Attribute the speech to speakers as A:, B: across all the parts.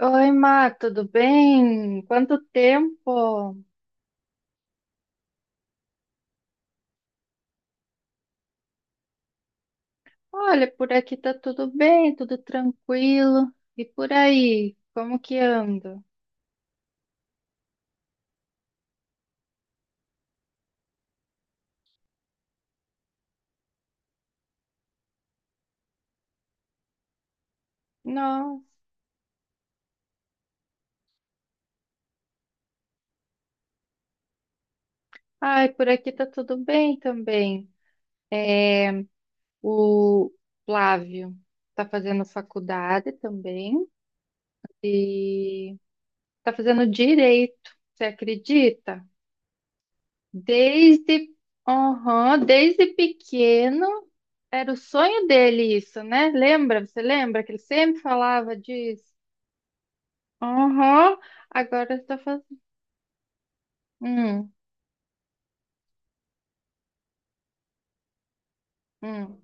A: Oi, Má, tudo bem? Quanto tempo? Olha, por aqui tá tudo bem, tudo tranquilo. E por aí, como que anda? Nossa, ai, por aqui tá tudo bem também. É, o Flávio tá fazendo faculdade também e tá fazendo direito, você acredita? Desde, aham, desde pequeno. Era o sonho dele isso, né? Lembra? Você lembra que ele sempre falava disso? Aham, agora está fazendo. Hum, hum,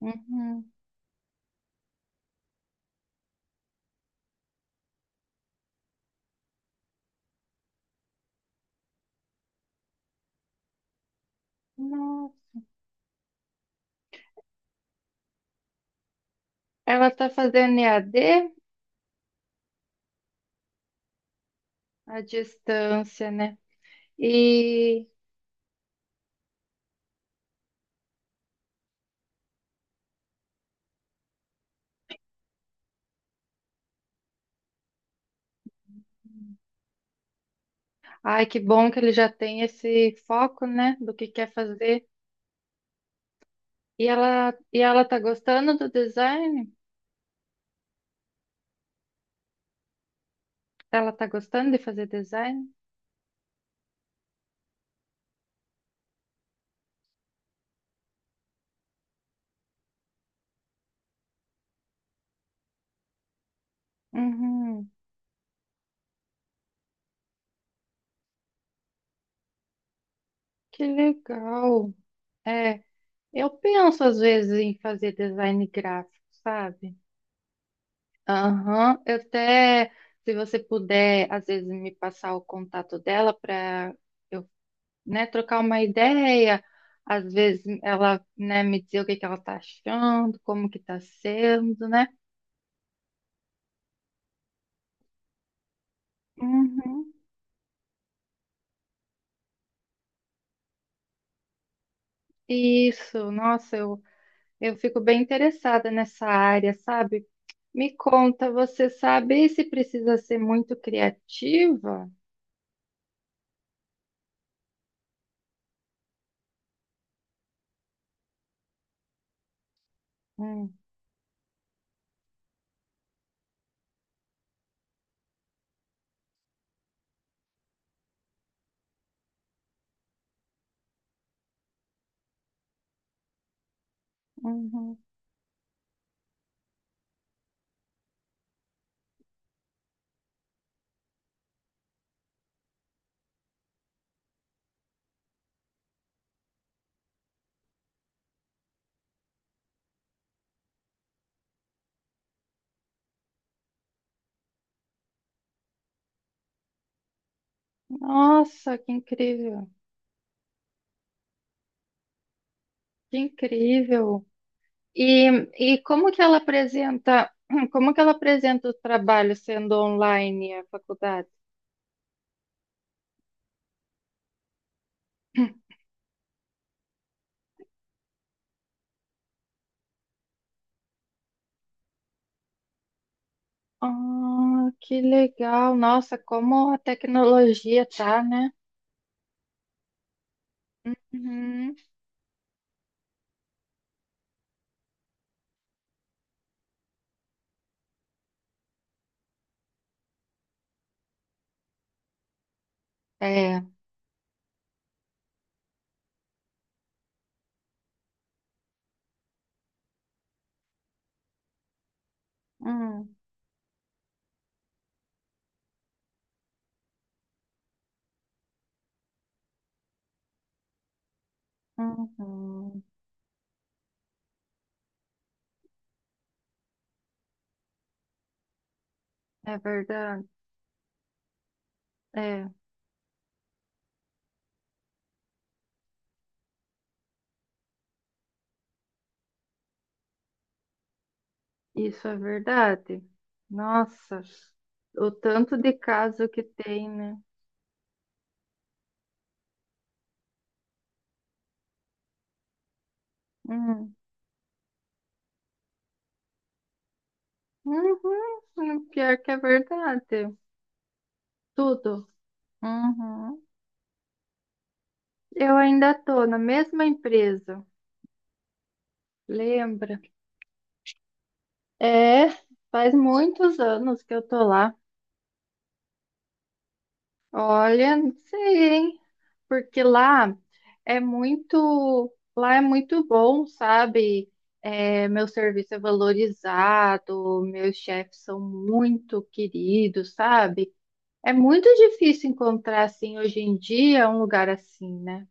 A: uhum. Nossa. Ela está fazendo EAD à distância, né? E ai, que bom que ele já tem esse foco, né? Do que quer fazer. E ela tá gostando do design? Ela tá gostando de fazer design? Uhum. Que legal. É. Eu penso às vezes em fazer design gráfico, sabe? Aham, eu até, se você puder, às vezes me passar o contato dela para eu, né, trocar uma ideia. Às vezes ela, né, me dizer o que que ela tá achando, como que tá sendo, né? Uhum. Isso, nossa, eu fico bem interessada nessa área, sabe? Me conta, você sabe se precisa ser muito criativa? Hum, uhum. Nossa, que incrível, que incrível. E, e como que ela apresenta, como que ela apresenta o trabalho sendo online a faculdade? Ah, que legal. Nossa, como a tecnologia tá, né? Uhum. É. Hum, uhum. É verdade. É, isso é verdade. Nossa, o tanto de caso que tem, né? Hum. Uhum. Pior que é verdade. Tudo. Uhum. Eu ainda tô na mesma empresa, lembra? É, faz muitos anos que eu tô lá. Olha, não sei, hein? Porque lá é muito bom, sabe? É, meu serviço é valorizado, meus chefes são muito queridos, sabe? É muito difícil encontrar assim hoje em dia um lugar assim, né?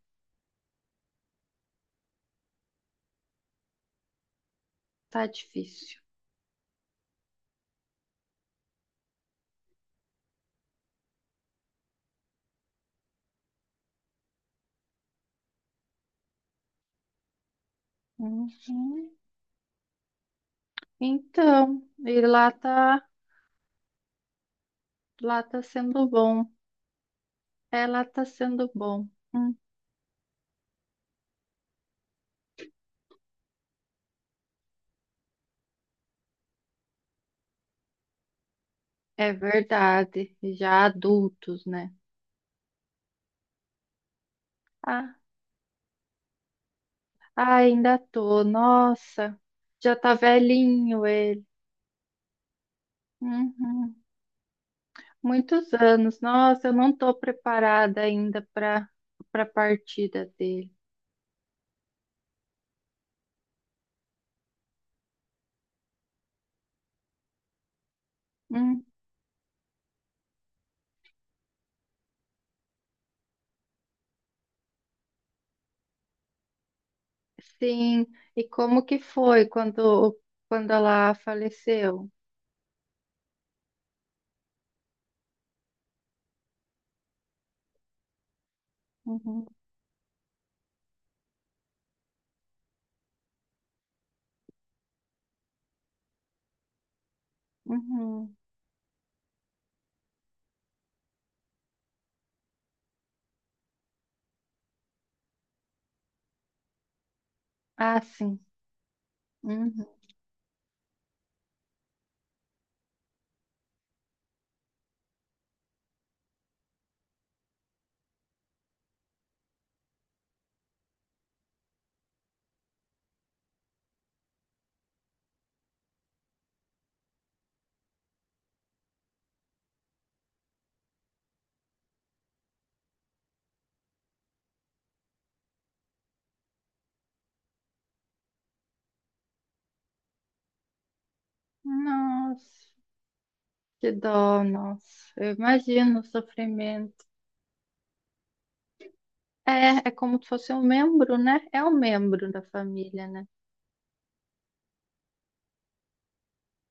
A: Tá difícil. Uhum. Então, e lá tá sendo bom. É, lá tá sendo bom. Hum, É verdade. Já adultos, né? Ah, ah, ainda tô. Nossa, já tá velhinho ele. Uhum. Muitos anos. Nossa, eu não tô preparada ainda para partida dele. Hum, sim. E como que foi quando ela faleceu? Uhum, uhum. Ah, sim. Uhum. Nossa, que dó, nossa. Eu imagino o sofrimento. É, é como se fosse um membro, né? É um membro da família, né?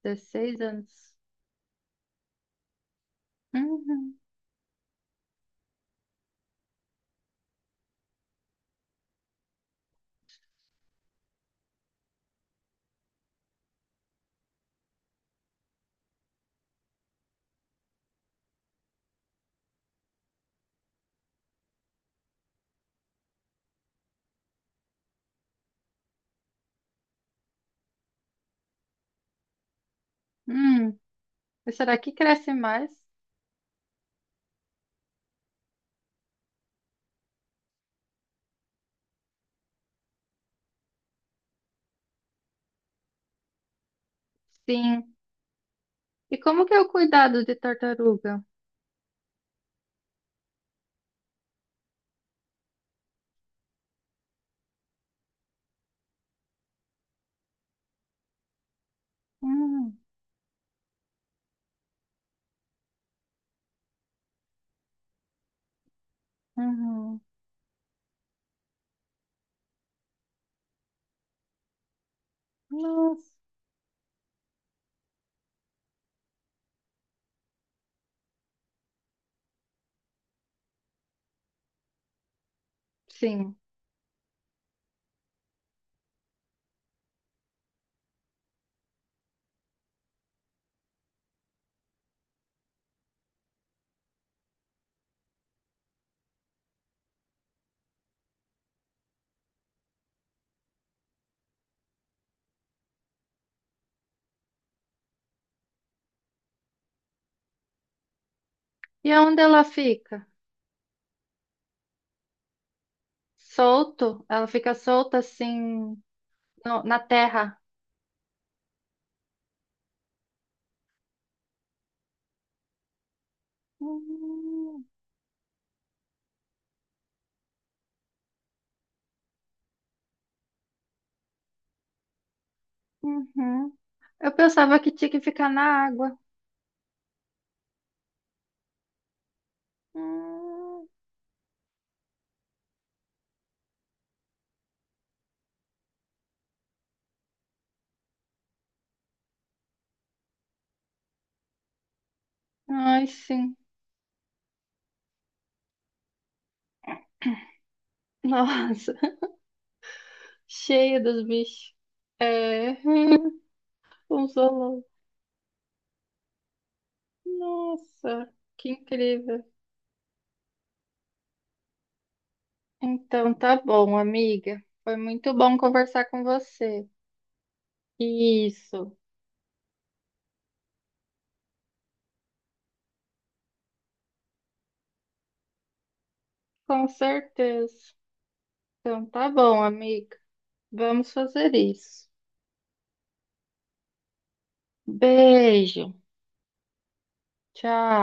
A: 16 anos. Uhum. Hum. E será que cresce mais? Sim. E como que é o cuidado de tartaruga? Hum. Uhum. Nossa. Sim. E onde ela fica? Solto? Ela fica solta assim na terra? Hum. Uhum. Eu pensava que tinha que ficar na água. Hum, Ai, sim. Nossa, cheia dos bichos. É, um zoológico. Nossa, que incrível. Então, tá bom, amiga. Foi muito bom conversar com você. Isso, com certeza. Então, tá bom, amiga. Vamos fazer isso. Beijo. Tchau.